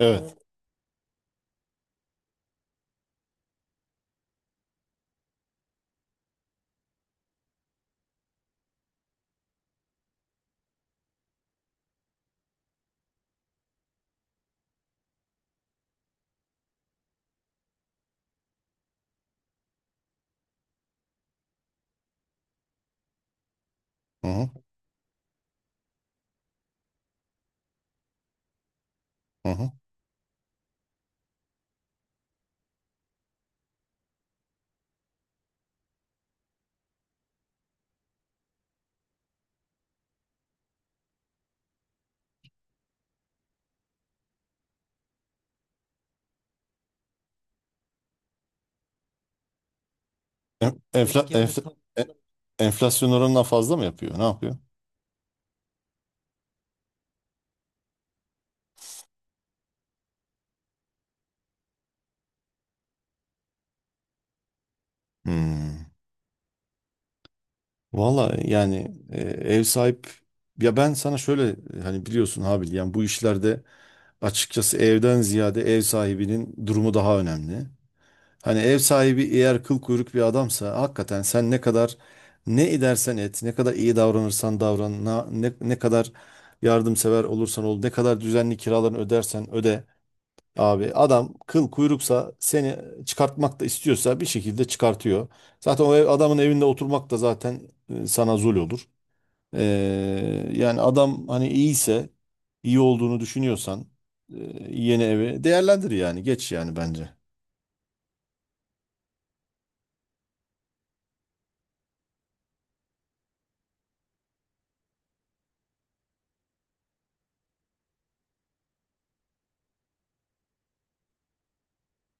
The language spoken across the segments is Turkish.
Evet. Hı hı. Hı hı. En- Enfla, enfla, e- Enflasyon oranından fazla mı yapıyor? Ne yapıyor? Hmm. Valla yani e, ev sahip ya ben sana şöyle, hani biliyorsun Habil, yani bu işlerde açıkçası evden ziyade ev sahibinin durumu daha önemli. Hani ev sahibi eğer kıl kuyruk bir adamsa, hakikaten sen ne kadar ne edersen et, ne kadar iyi davranırsan davran, ne kadar yardımsever olursan ol, ne kadar düzenli kiralarını ödersen öde. Abi adam kıl kuyruksa seni çıkartmak da istiyorsa bir şekilde çıkartıyor. Zaten o adamın evinde oturmak da zaten sana zul olur. Yani adam hani iyiyse, iyi olduğunu düşünüyorsan, e, yeni evi değerlendir yani, geç yani bence.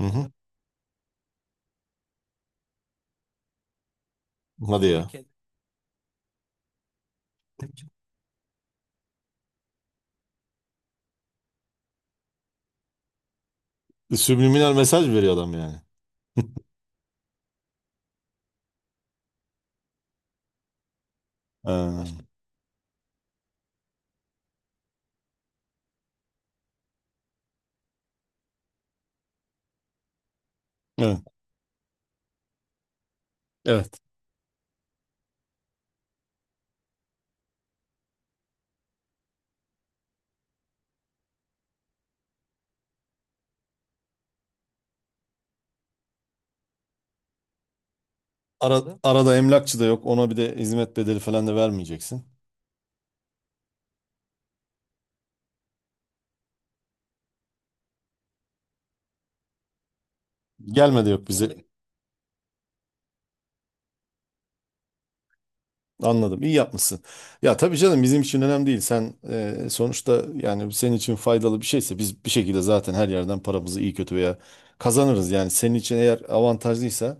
Hı hı. Hadi ya. Subliminal mesaj veriyor adam yani. Ha. Evet. Evet. Arada emlakçı da yok. Ona bir de hizmet bedeli falan da vermeyeceksin. Gelme de yok bize. Anladım. İyi yapmışsın. Ya tabii canım, bizim için önemli değil. Sen, sonuçta yani senin için faydalı bir şeyse, biz bir şekilde zaten her yerden paramızı iyi kötü veya kazanırız. Yani senin için eğer avantajlıysa,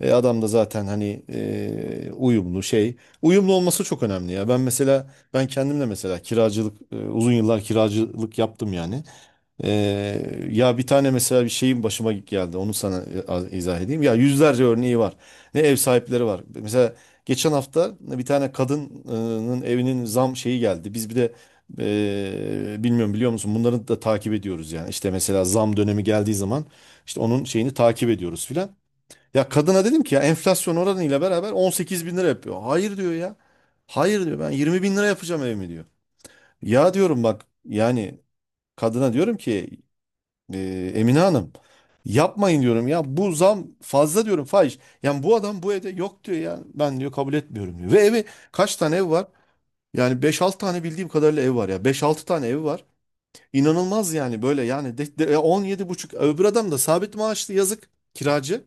adam da zaten hani uyumlu şey. Uyumlu olması çok önemli ya. Ben mesela, ben kendimle mesela kiracılık, uzun yıllar kiracılık yaptım yani. Ya bir tane mesela bir şeyin başıma geldi. Onu sana izah edeyim. Ya yüzlerce örneği var. Ne ev sahipleri var. Mesela geçen hafta bir tane kadının evinin zam şeyi geldi. Biz bir de, bilmiyorum biliyor musun? Bunları da takip ediyoruz yani. İşte mesela zam dönemi geldiği zaman, işte onun şeyini takip ediyoruz filan. Ya kadına dedim ki, ya enflasyon oranıyla beraber 18 bin lira yapıyor. Hayır diyor ya. Hayır diyor, ben 20 bin lira yapacağım evimi diyor. Ya diyorum bak yani, kadına diyorum ki, Emine Hanım yapmayın diyorum ya, bu zam fazla diyorum, fahiş. Yani bu adam bu evde yok diyor ya, ben diyor kabul etmiyorum diyor. Ve evi kaç tane ev var? Yani beş 6 tane bildiğim kadarıyla ev var, ya beş altı tane ev var. İnanılmaz yani böyle, yani 17 buçuk, öbür adam da sabit maaşlı, yazık kiracı.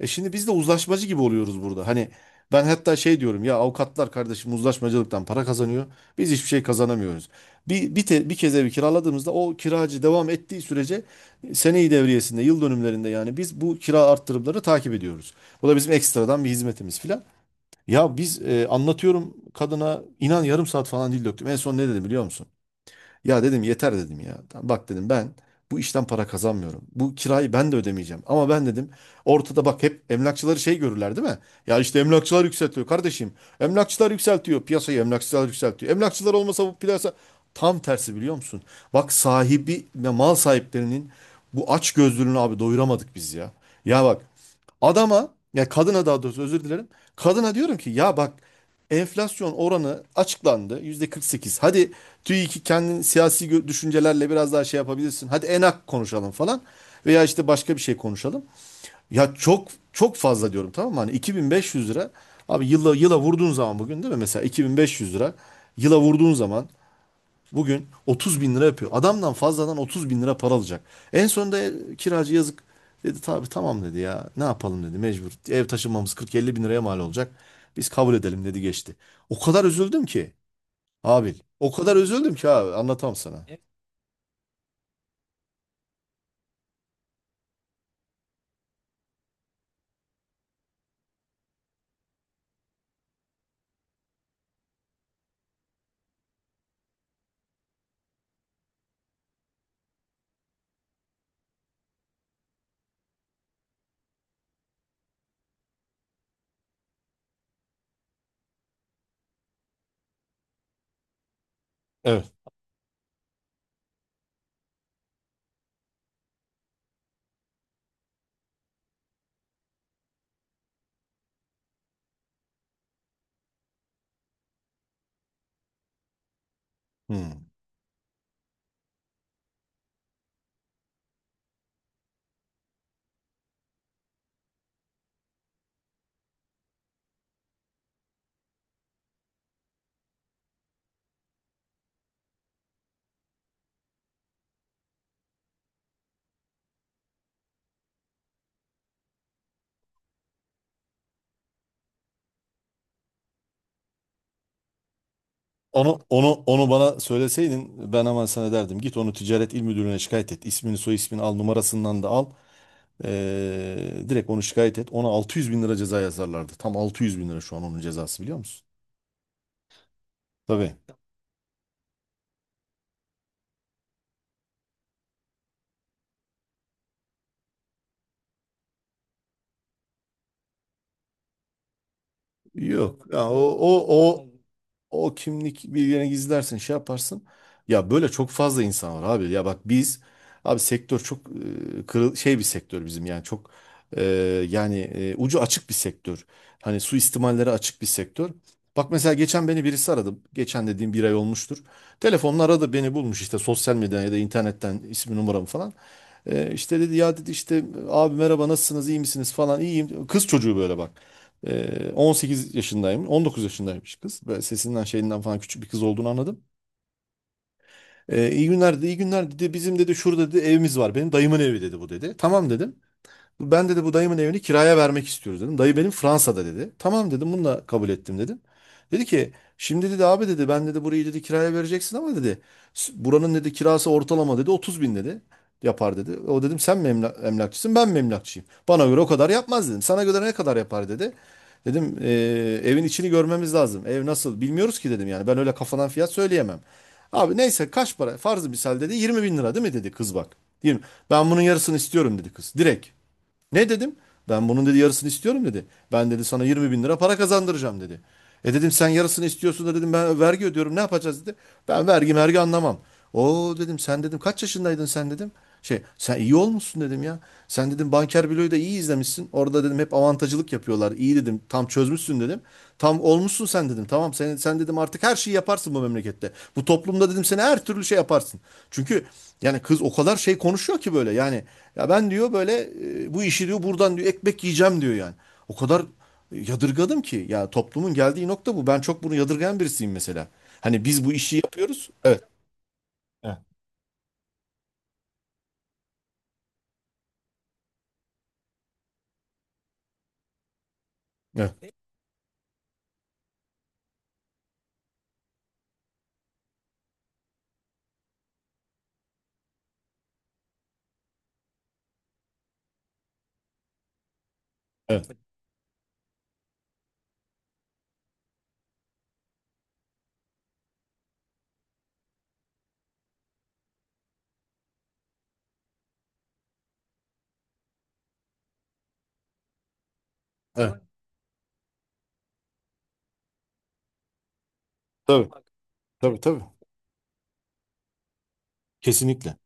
E şimdi biz de uzlaşmacı gibi oluyoruz burada. Hani ben hatta şey diyorum ya, avukatlar kardeşim uzlaşmacılıktan para kazanıyor. Biz hiçbir şey kazanamıyoruz. Bir kez evi kiraladığımızda, o kiracı devam ettiği sürece, seneyi devriyesinde, yıl dönümlerinde, yani biz bu kira arttırımları takip ediyoruz. Bu da bizim ekstradan bir hizmetimiz filan. Ya biz, anlatıyorum kadına, inan yarım saat falan dil döktüm. En son ne dedi biliyor musun? Ya dedim yeter dedim ya. "Tamam, bak dedim, ben bu işten para kazanmıyorum. Bu kirayı ben de ödemeyeceğim. Ama ben dedim, ortada bak hep emlakçıları şey görürler değil mi? Ya işte emlakçılar yükseltiyor kardeşim. Emlakçılar yükseltiyor. Piyasayı emlakçılar yükseltiyor. Emlakçılar olmasa bu piyasa tam tersi, biliyor musun? Bak sahibi ve mal sahiplerinin bu aç gözlülüğünü abi doyuramadık biz ya. Ya bak adama, ya kadına daha doğrusu, özür dilerim. Kadına diyorum ki, ya bak, enflasyon oranı açıklandı %48. Hadi TÜİK'i kendin siyasi düşüncelerle biraz daha şey yapabilirsin. Hadi enak konuşalım falan, veya işte başka bir şey konuşalım. Ya çok çok fazla diyorum, tamam mı? Hani 2500 lira abi, yıla yıla vurduğun zaman bugün değil mi? Mesela 2500 lira yıla vurduğun zaman bugün 30 bin lira yapıyor. Adamdan fazladan 30 bin lira para alacak. En sonunda, kiracı yazık dedi tabii, tamam dedi ya ne yapalım dedi, mecbur. Ev taşınmamız 40-50 bin liraya mal olacak. Biz kabul edelim dedi, geçti. O kadar üzüldüm ki abi, o kadar üzüldüm ki abi, anlatamam sana. Evet. Hmm. Onu bana söyleseydin ben hemen sana derdim. Git onu Ticaret İl Müdürlüğü'ne şikayet et. İsmini, soy ismini al, numarasından da al. Direkt onu şikayet et. Ona 600 bin lira ceza yazarlardı. Tam 600 bin lira şu an onun cezası, biliyor musun? Tabii. Yok. Ya, o kimlik bilgilerini gizlersin, şey yaparsın. Ya böyle çok fazla insan var abi. Ya bak biz, abi sektör çok, e, kırıl şey bir sektör bizim yani, çok, e, yani ucu açık bir sektör. Hani suistimallere açık bir sektör. Bak mesela geçen beni birisi aradı. Geçen dediğim bir ay olmuştur. Telefonla aradı, beni bulmuş işte sosyal medyadan ya da internetten ismi, numaramı falan. İşte dedi ya, dedi işte abi merhaba nasılsınız iyi misiniz falan, iyiyim. Kız çocuğu böyle bak. 18 yaşındayım. 19 yaşındaymış kız. Böyle sesinden şeyinden falan küçük bir kız olduğunu anladım. İyi günler dedi, iyi günler dedi. Bizim dedi şurada dedi evimiz var. Benim dayımın evi dedi bu dedi. Tamam dedim. Ben dedi bu dayımın evini kiraya vermek istiyoruz dedim. Dayı benim Fransa'da dedi. Tamam dedim, bununla kabul ettim dedim. Dedi ki, şimdi dedi abi dedi ben dedi burayı dedi kiraya vereceksin ama dedi, buranın dedi kirası ortalama dedi 30 bin dedi yapar dedi. O dedim sen mi emlakçısın ben mi emlakçıyım? Bana göre o kadar yapmaz dedim. Sana göre ne kadar yapar dedi. Dedim evin içini görmemiz lazım. Ev nasıl bilmiyoruz ki dedim, yani ben öyle kafadan fiyat söyleyemem. Abi neyse kaç para, farzı misal dedi 20 bin lira değil mi dedi kız bak. 20. Ben bunun yarısını istiyorum dedi kız, direkt. Ne dedim? Ben bunun dedi yarısını istiyorum dedi. Ben dedi sana 20 bin lira para kazandıracağım dedi. E dedim sen yarısını istiyorsun da dedim ben vergi ödüyorum, ne yapacağız dedi. Ben vergi vergi anlamam. O dedim sen dedim kaç yaşındaydın sen dedim. Şey, sen iyi olmuşsun dedim ya. Sen dedim Banker Bilo'yu da iyi izlemişsin. Orada dedim hep avantajcılık yapıyorlar. İyi dedim, tam çözmüşsün dedim. Tam olmuşsun sen dedim. Tamam sen, sen dedim artık her şeyi yaparsın bu memlekette. Bu toplumda dedim seni her türlü şey yaparsın. Çünkü yani kız o kadar şey konuşuyor ki böyle, yani ya ben diyor böyle, bu işi diyor buradan diyor ekmek yiyeceğim diyor yani. O kadar yadırgadım ki, ya toplumun geldiği nokta bu. Ben çok bunu yadırgayan birisiyim mesela. Hani biz bu işi yapıyoruz. Evet. Evet. Evet. Evet. Evet. Tabii. Tabii tabii. Kesinlikle.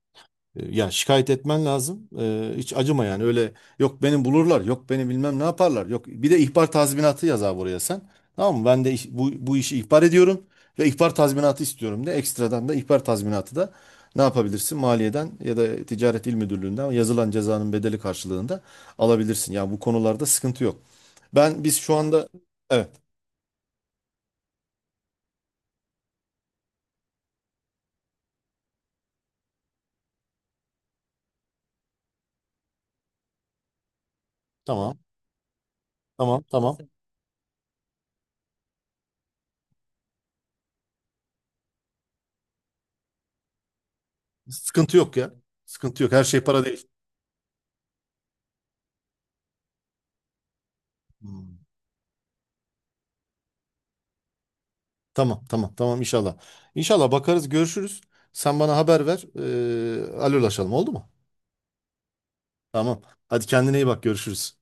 Ya şikayet etmen lazım. Hiç acıma yani. Öyle yok beni bulurlar, yok beni bilmem ne yaparlar. Yok bir de ihbar tazminatı yaz abi buraya sen. Tamam mı? Ben de bu işi ihbar ediyorum ve ihbar tazminatı istiyorum de, ekstradan da ihbar tazminatı da ne yapabilirsin? Maliyeden ya da Ticaret İl Müdürlüğü'nden yazılan cezanın bedeli karşılığında alabilirsin. Yani bu konularda sıkıntı yok. Biz şu anda evet, tamam tamam tamam. Sıkıntı yok ya. Sıkıntı yok. Her şey para değil. Hmm. Tamam tamam tamam inşallah. İnşallah bakarız, görüşürüz. Sen bana haber ver. Alırlaşalım, oldu mu? Tamam. Hadi kendine iyi bak, görüşürüz.